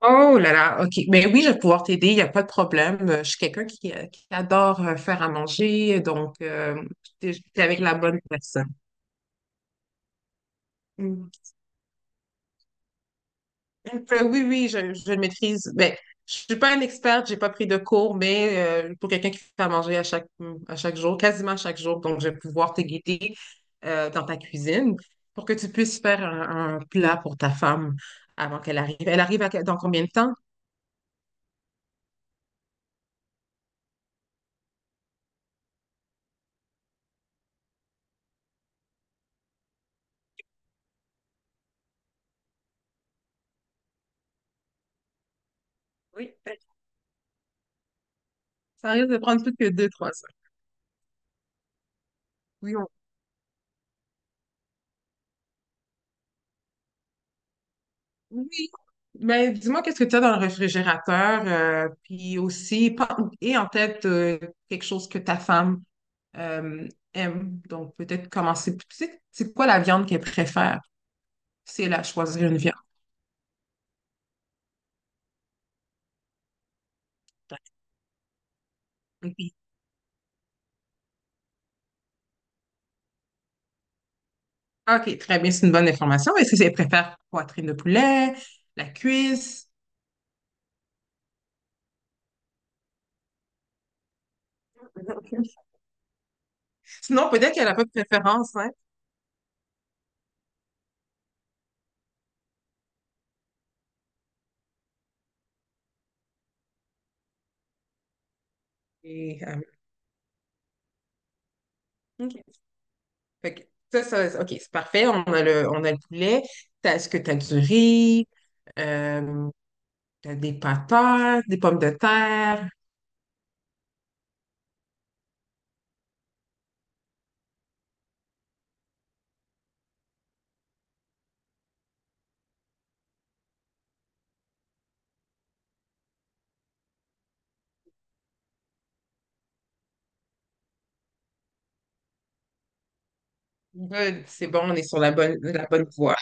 Oh là là, OK. Mais oui, je vais pouvoir t'aider, il n'y a pas de problème. Je suis quelqu'un. J'adore faire à manger, donc j'étais avec la bonne personne. Mm. Donc, oui, oui, je le maîtrise. Ben, je suis pas une experte, j'ai pas pris de cours, mais pour quelqu'un qui fait à manger à chaque jour, quasiment à chaque jour, donc je vais pouvoir te guider dans ta cuisine pour que tu puisses faire un plat pour ta femme avant qu'elle arrive. Elle arrive dans combien de temps? Oui, ben, ça risque de prendre plus que deux, trois heures. Oui, oui. Mais dis-moi, qu'est-ce que tu as dans le réfrigérateur? Puis aussi, et en tête, quelque chose que ta femme euh, aime. Donc, peut-être commencer. Tu sais, c'est quoi la viande qu'elle préfère? Si elle a choisi une viande. Ok. OK, très bien, c'est une bonne information. Est-ce qu'elle préfère poitrine de poulet, la cuisse? Sinon, peut-être qu'elle n'a pas de préférence, hein? Et, euh, OK. Fait que ça, OK, c'est parfait. On a le poulet. Est-ce que tu as du riz? Euh, t'as des patates, des pommes de terre? Good, c'est bon, on est sur la bonne voie.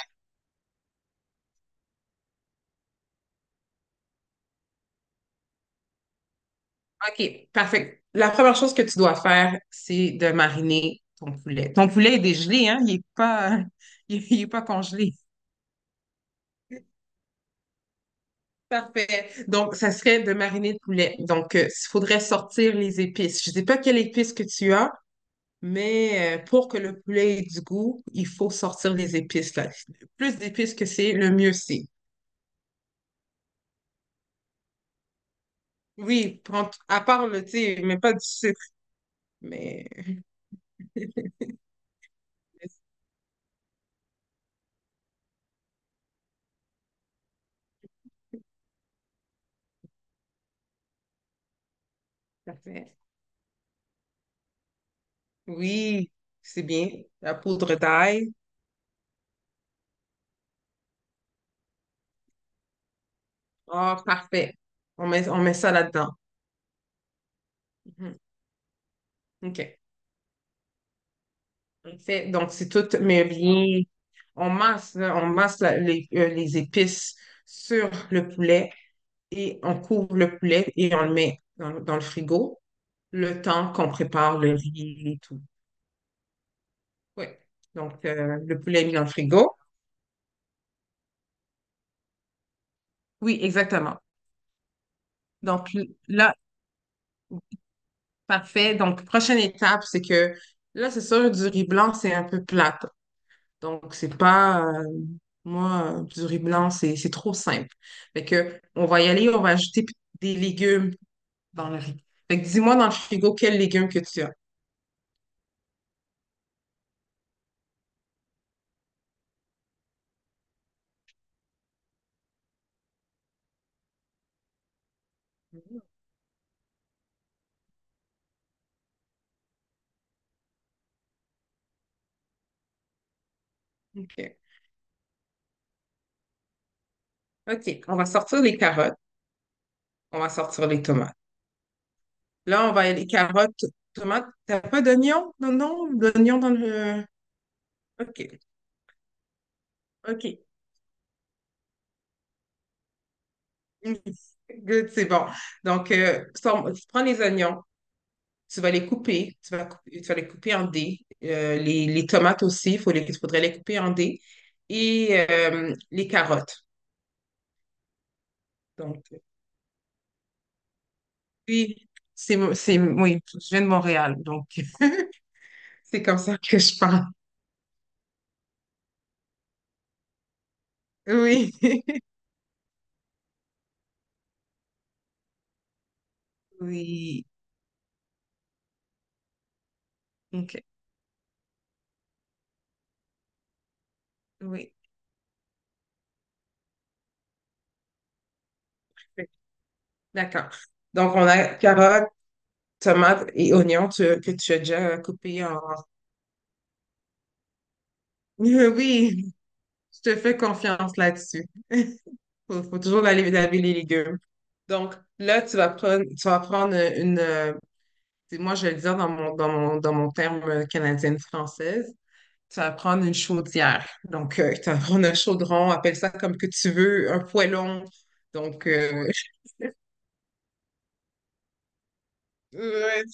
OK, parfait. La première chose que tu dois faire, c'est de mariner ton poulet. Ton poulet est dégelé, hein? Il n'est pas, il est pas congelé. Parfait. Donc, ça serait de mariner de poulet. Donc, il faudrait sortir les épices. Je ne sais pas quelles épices que tu as, mais pour que le poulet ait du goût, il faut sortir les épices. Là. Plus d'épices que c'est, le mieux c'est. Oui, à part le thé, mais pas du sucre. Mais Parfait. Oui, c'est bien. La poudre d'ail. Ah, parfait. On met ça là-dedans. Mhm. OK. En fait, donc c'est tout mais bien. On masse les épices sur le poulet et on couvre le poulet et on le met dans le frigo le temps qu'on prépare le riz et tout. Oui. Donc, le poulet est mis dans le frigo. Oui, exactement. Donc, là, parfait. Donc, prochaine étape, c'est que là, c'est sûr, du riz blanc, c'est un peu plate. Donc, c'est pas, moi, du riz blanc, c'est trop simple. Fait que, on va y aller, on va ajouter des légumes dans le riz. Fait que, dis-moi dans le frigo, quels légumes que tu as. Mhm. OK. OK. On va sortir les carottes, on va sortir les tomates. Là, on va y aller carottes, tomates. T'as pas d'oignon? Non, non, d'oignon dans le... OK, OK. Good, c'est bon. Donc, tu prends les oignons, tu vas les couper en dés. Les tomates aussi, il faudrait les couper en dés. Et les carottes. Donc, oui, oui, je viens de Montréal, donc c'est comme ça que je parle. Oui, oui, OK, oui. D'accord. Donc, on a carottes, tomates et oignons que tu as déjà coupés en... Oui, je te fais confiance là-dessus. Faut toujours aller laver les légumes. Donc, là, tu vas prendre une... euh, Moi, je vais le dire dans mon terme canadienne-française. Tu vas prendre une chaudière. Donc, tu vas prendre un chaudron, appelle ça comme que tu veux, un poêlon. Donc, ouais,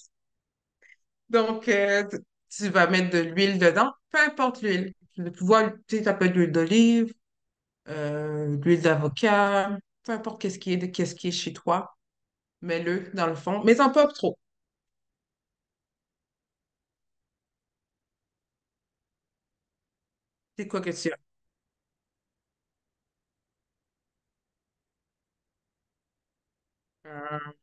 donc tu vas mettre de l'huile dedans, peu importe l'huile. Tu sais, ça peut être de l'huile d'olive, l'huile d'avocat, peu importe qu'est-ce qui est chez toi, mets-le dans le fond, mais en pas trop. C'est quoi que tu as? Euh,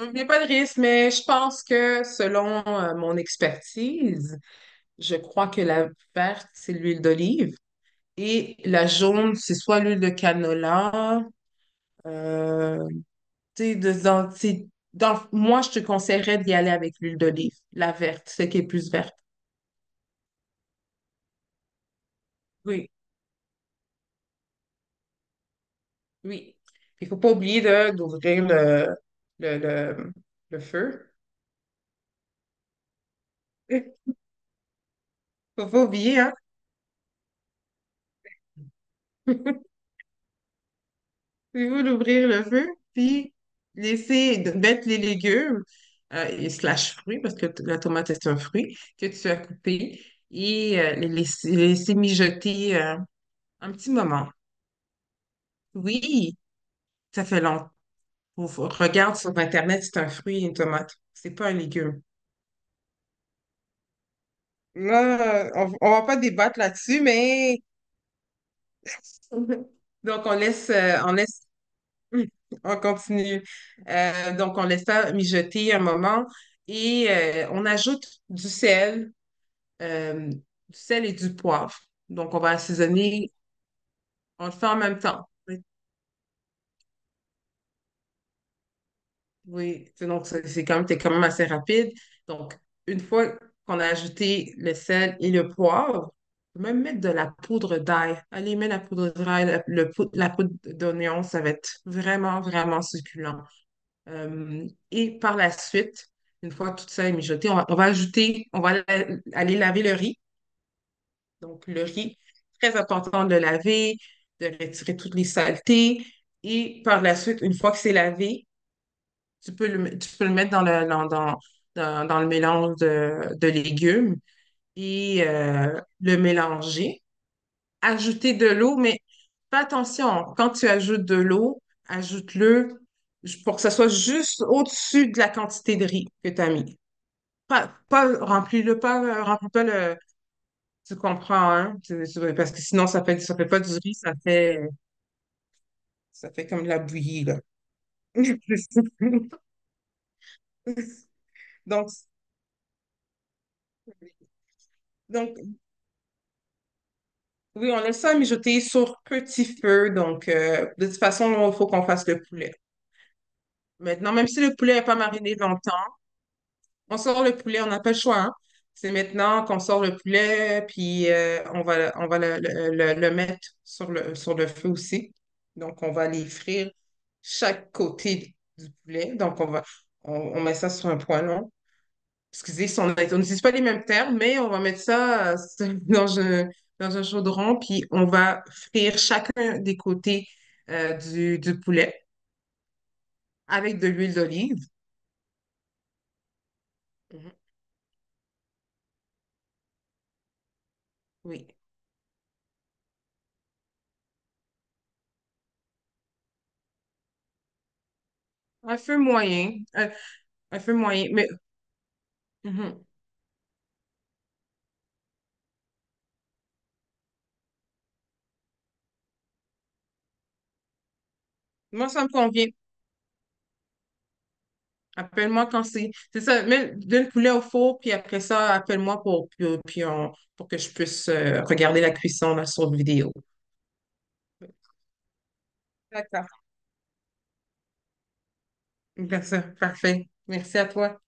Il n'y a pas de risque, mais je pense que selon mon expertise, je crois que la verte, c'est l'huile d'olive et la jaune, c'est soit l'huile de canola. Euh, tu sais, moi, je te conseillerais d'y aller avec l'huile d'olive, la verte, celle qui est plus verte. Oui. Oui. Il faut pas oublier d'ouvrir le, le, le feu. Faut pas oublier, hein? Il faut d'ouvrir le feu, puis de mettre les légumes et slash fruits, parce que la tomate est un fruit que tu as coupé, et les laisser mijoter un petit moment. Oui, ça fait longtemps. Regarde sur Internet, c'est un fruit, une tomate. C'est pas un légume. Là, on va pas débattre là-dessus, mais Mhm. Donc, on continue. Donc, on laisse ça mijoter un moment et on ajoute du sel et du poivre. Donc, on va assaisonner, on le fait en même temps. Oui, oui. Donc c'est quand même assez rapide. Donc, une fois qu'on a ajouté le sel et le poivre, on peut même mettre de la poudre d'ail. Allez, mets la poudre d'ail, la poudre d'oignon, ça va être vraiment, vraiment succulent. Et par la suite, une fois tout ça est mijoté, on va aller laver le riz. Donc, le riz, très important de le laver, de retirer toutes les saletés. Et par la suite, une fois que c'est lavé, tu peux le mettre dans le, dans, dans, dans- dans le mélange de légumes et le mélanger ajouter de l'eau, mais fais attention, quand tu ajoutes de l'eau, ajoute-le pour que ça soit juste au-dessus de la quantité de riz que tu as mis. Pas remplis-le, pas, remplis pas le. Tu comprends, hein? Parce que sinon, ça fait, ça fait, pas du riz, ça fait comme de la bouillie, là. Donc, donc, oui, on laisse ça mijoter sur petit feu. Donc, de toute façon, il faut qu'on fasse le poulet. Maintenant, même si le poulet n'est pas mariné longtemps, on sort le poulet, on n'a pas le choix, hein. C'est maintenant qu'on sort le poulet, puis on va le mettre sur le feu aussi. Donc, on va les frire chaque côté du poulet. Donc, on met ça sur un poêlon. Excusez, si on n'utilise pas les mêmes termes, mais on va mettre ça dans un chaudron, puis on va frire chacun des côtés du poulet avec de l'huile d'olive. Mhm. Oui. Un feu moyen. Un feu moyen. Mhm. Moi, ça me convient. Appelle-moi quand c'est. C'est ça, donne le poulet au four, puis après ça, appelle-moi pour que je puisse regarder la cuisson là, sur vidéo. D'accord. D'accord, parfait. Merci à toi.